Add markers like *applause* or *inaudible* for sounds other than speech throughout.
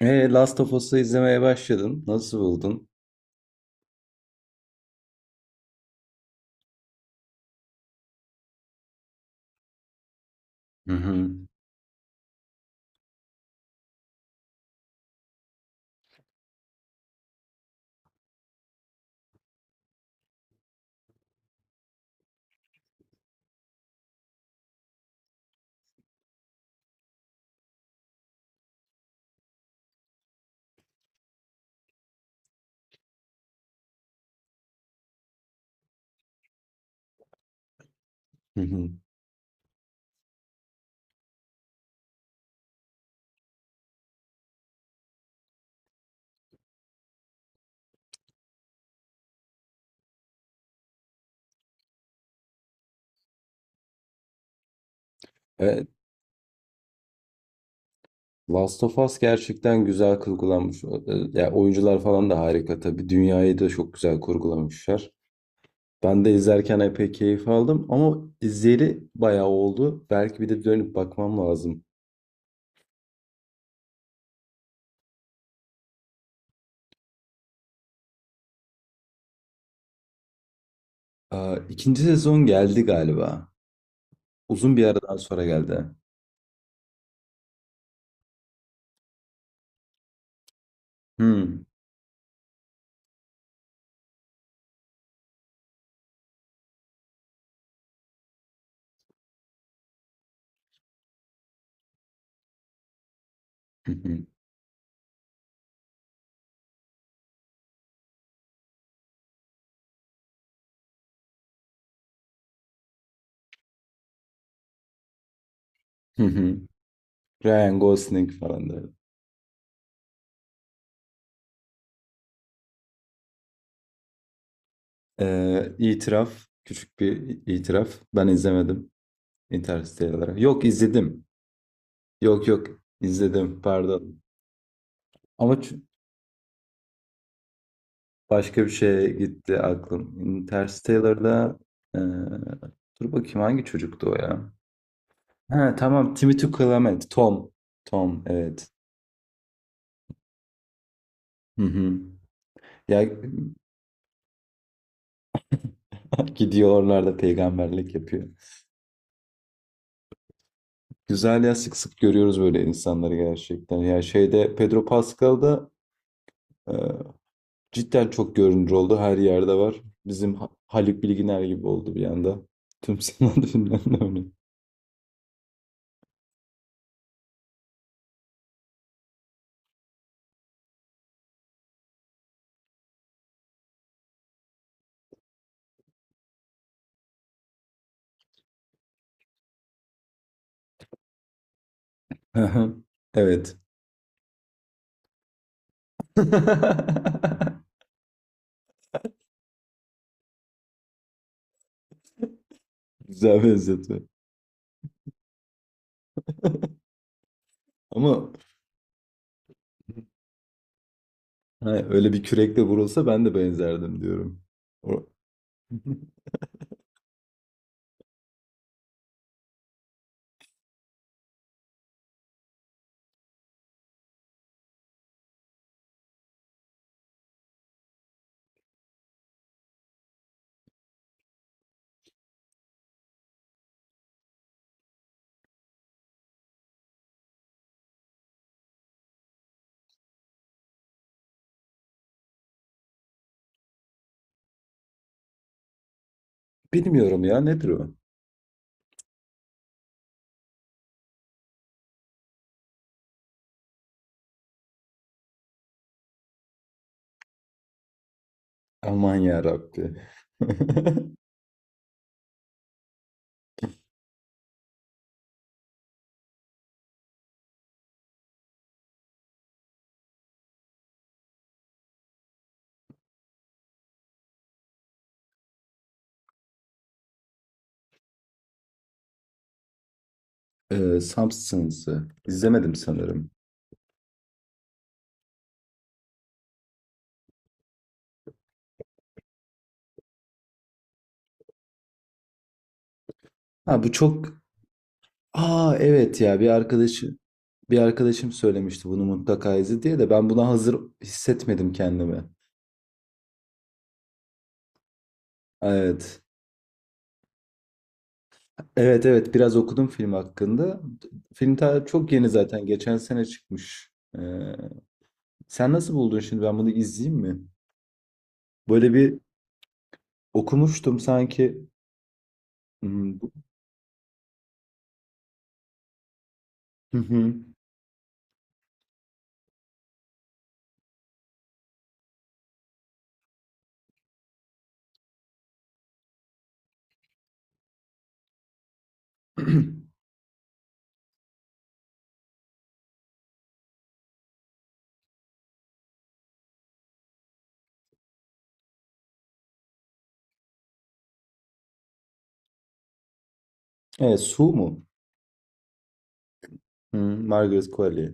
Last of Us'ı izlemeye başladın. Nasıl buldun? Hı hı. Hı hı. Evet, Last of Us gerçekten güzel kurgulanmış. Ya oyuncular falan da harika tabii. Dünyayı da çok güzel kurgulamışlar. Ben de izlerken epey keyif aldım ama izleri bayağı oldu. Belki bir de dönüp bakmam lazım. Aa, ikinci sezon geldi galiba. Uzun bir aradan sonra geldi. Hı hı hı. Hı hı. Ryan Gosling falan da. İtiraf, küçük bir itiraf. Ben izlemedim. Interstellar. Yok izledim. Yok yok izledim, pardon. Ama başka bir şeye gitti aklım. Interstellar'da eee, dur bakayım hangi çocuktu o ya? Ha tamam Timothy Chalamet. Tom. Tom evet. Hı hı. Ya *laughs* gidiyor oralarda peygamberlik yapıyor. Güzel ya, sık sık görüyoruz böyle insanları gerçekten. Ya şeyde Pedro Pascal'da cidden çok görünür oldu. Her yerde var. Bizim Haluk Bilginer gibi oldu bir anda. Tüm sanat *laughs* filmlerinde oynuyor. Aha, evet. *laughs* Güzel benzetme. Ama ha, öyle bir kürekle vurulsa ben de benzerdim diyorum. O- *laughs* Bilmiyorum ya, nedir o? Aman ya Rabbi. *laughs* Substance'ı izlemedim sanırım. Ha bu çok... Aa evet, ya bir arkadaşı bir arkadaşım söylemişti bunu mutlaka izle diye de ben buna hazır hissetmedim kendimi. Evet. Evet evet, biraz okudum film hakkında. Film ta çok yeni, zaten geçen sene çıkmış. Ee, sen nasıl buldun şimdi, ben bunu izleyeyim mi? Böyle bir okumuştum sanki. Hmm, hı hı. Evet, Su mu? Hı, Margaret Qualley.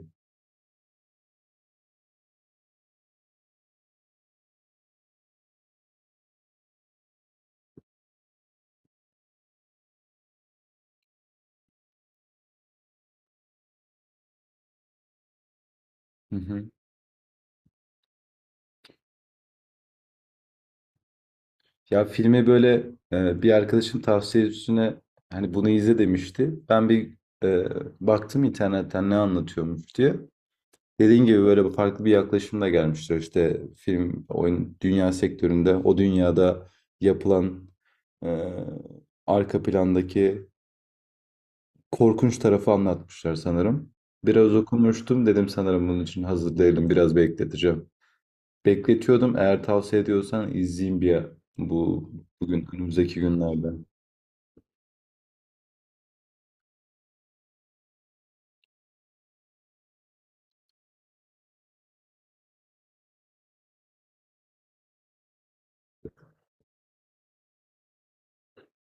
Hı hı. Ya filmi böyle bir arkadaşım tavsiye üstüne hani bunu izle demişti. Ben bir e, baktım internetten ne anlatıyormuş diye. Dediğin gibi böyle bir farklı bir yaklaşımla gelmiştir. İşte film, oyun, dünya sektöründe o dünyada yapılan e, arka plandaki korkunç tarafı anlatmışlar sanırım. Biraz okumuştum dedim, sanırım bunun için hazır değilim, biraz bekleteceğim. Bekletiyordum, eğer tavsiye ediyorsan izleyeyim bir bu bugün, önümüzdeki günlerde.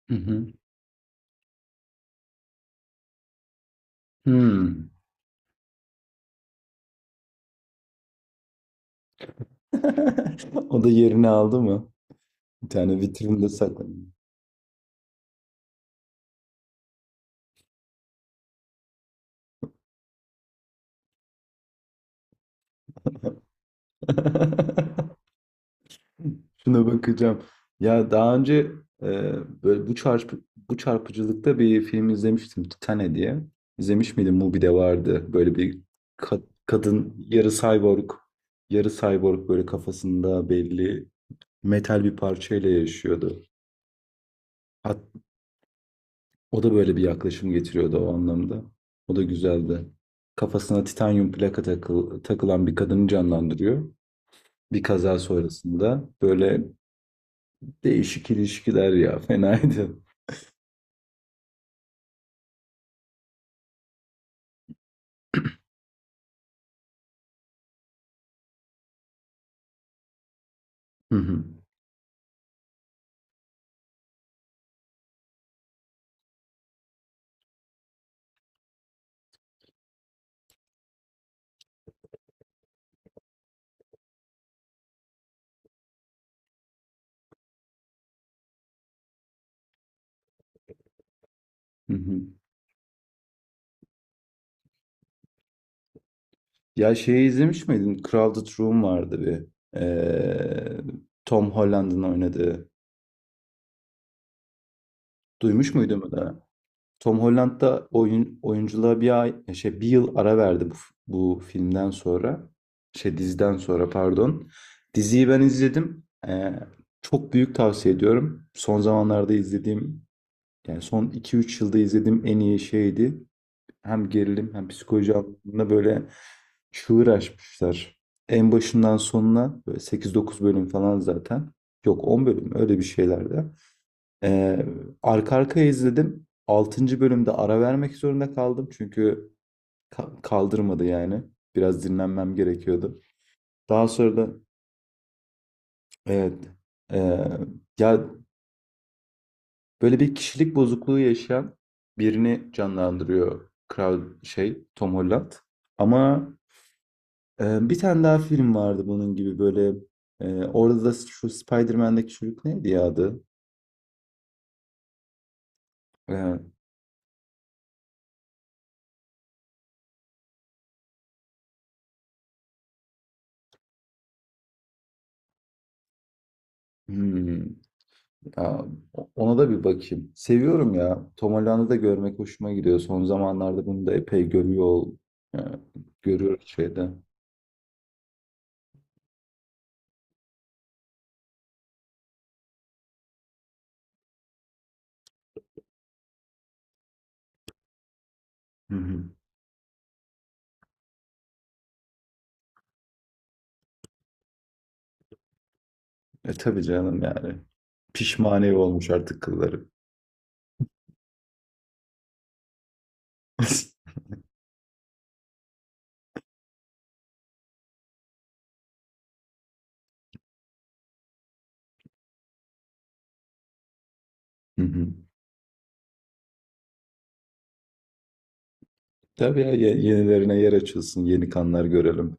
Hı hı. Hmm. *laughs* O da yerini aldı mı? Bir tane vitrinde saklanıyor. *laughs* Şuna bakacağım. Ya daha önce e, böyle bu bu çarpıcılıkta bir film izlemiştim, Titane diye. İzlemiş miydin? Mubi'de vardı. Böyle bir kadın yarı cyborg, yarı cyborg böyle kafasında belli metal bir parçayla yaşıyordu. Hat, o da böyle bir yaklaşım getiriyordu o anlamda. O da güzeldi. Kafasına titanyum plaka takılan bir kadını canlandırıyor. Bir kaza sonrasında böyle değişik ilişkiler, ya fenaydı. Hı hı. Hı hı. Ya şeyi izlemiş miydin? Crowded Room vardı bir. Ee, Tom Holland'ın oynadığı. Duymuş muydun mu da? Tom Holland da oyun, oyunculuğa bir ay, şey, bir yıl ara verdi bu, bu filmden sonra. Şey diziden sonra, pardon. Diziyi ben izledim. Çok büyük tavsiye ediyorum. Son zamanlarda izlediğim, yani son iki üç yılda izlediğim en iyi şeydi. Hem gerilim hem psikoloji anlamında böyle çığır açmışlar. En başından sonuna böyle 8-9 bölüm falan zaten. Yok 10 bölüm, öyle bir şeylerde. Ee, arka arkaya izledim. 6. bölümde ara vermek zorunda kaldım. Çünkü kaldırmadı yani. Biraz dinlenmem gerekiyordu. Daha sonra da evet, ee, ya böyle bir kişilik bozukluğu yaşayan birini canlandırıyor, kral şey Tom Holland. Ama bir tane daha film vardı bunun gibi böyle. Orada da şu Spider-Man'deki çocuk neydi ya adı? Ee, hmm, ya, ona da bir bakayım. Seviyorum ya. Tom Holland'ı da görmek hoşuma gidiyor. Son zamanlarda bunu da epey e, görüyoruz şeyde. Hı hı. E tabii canım yani. Pişmaniye olmuş artık kılları. *laughs* Hı hı. Tabii ya, yenilerine yer açılsın, yeni kanlar görelim.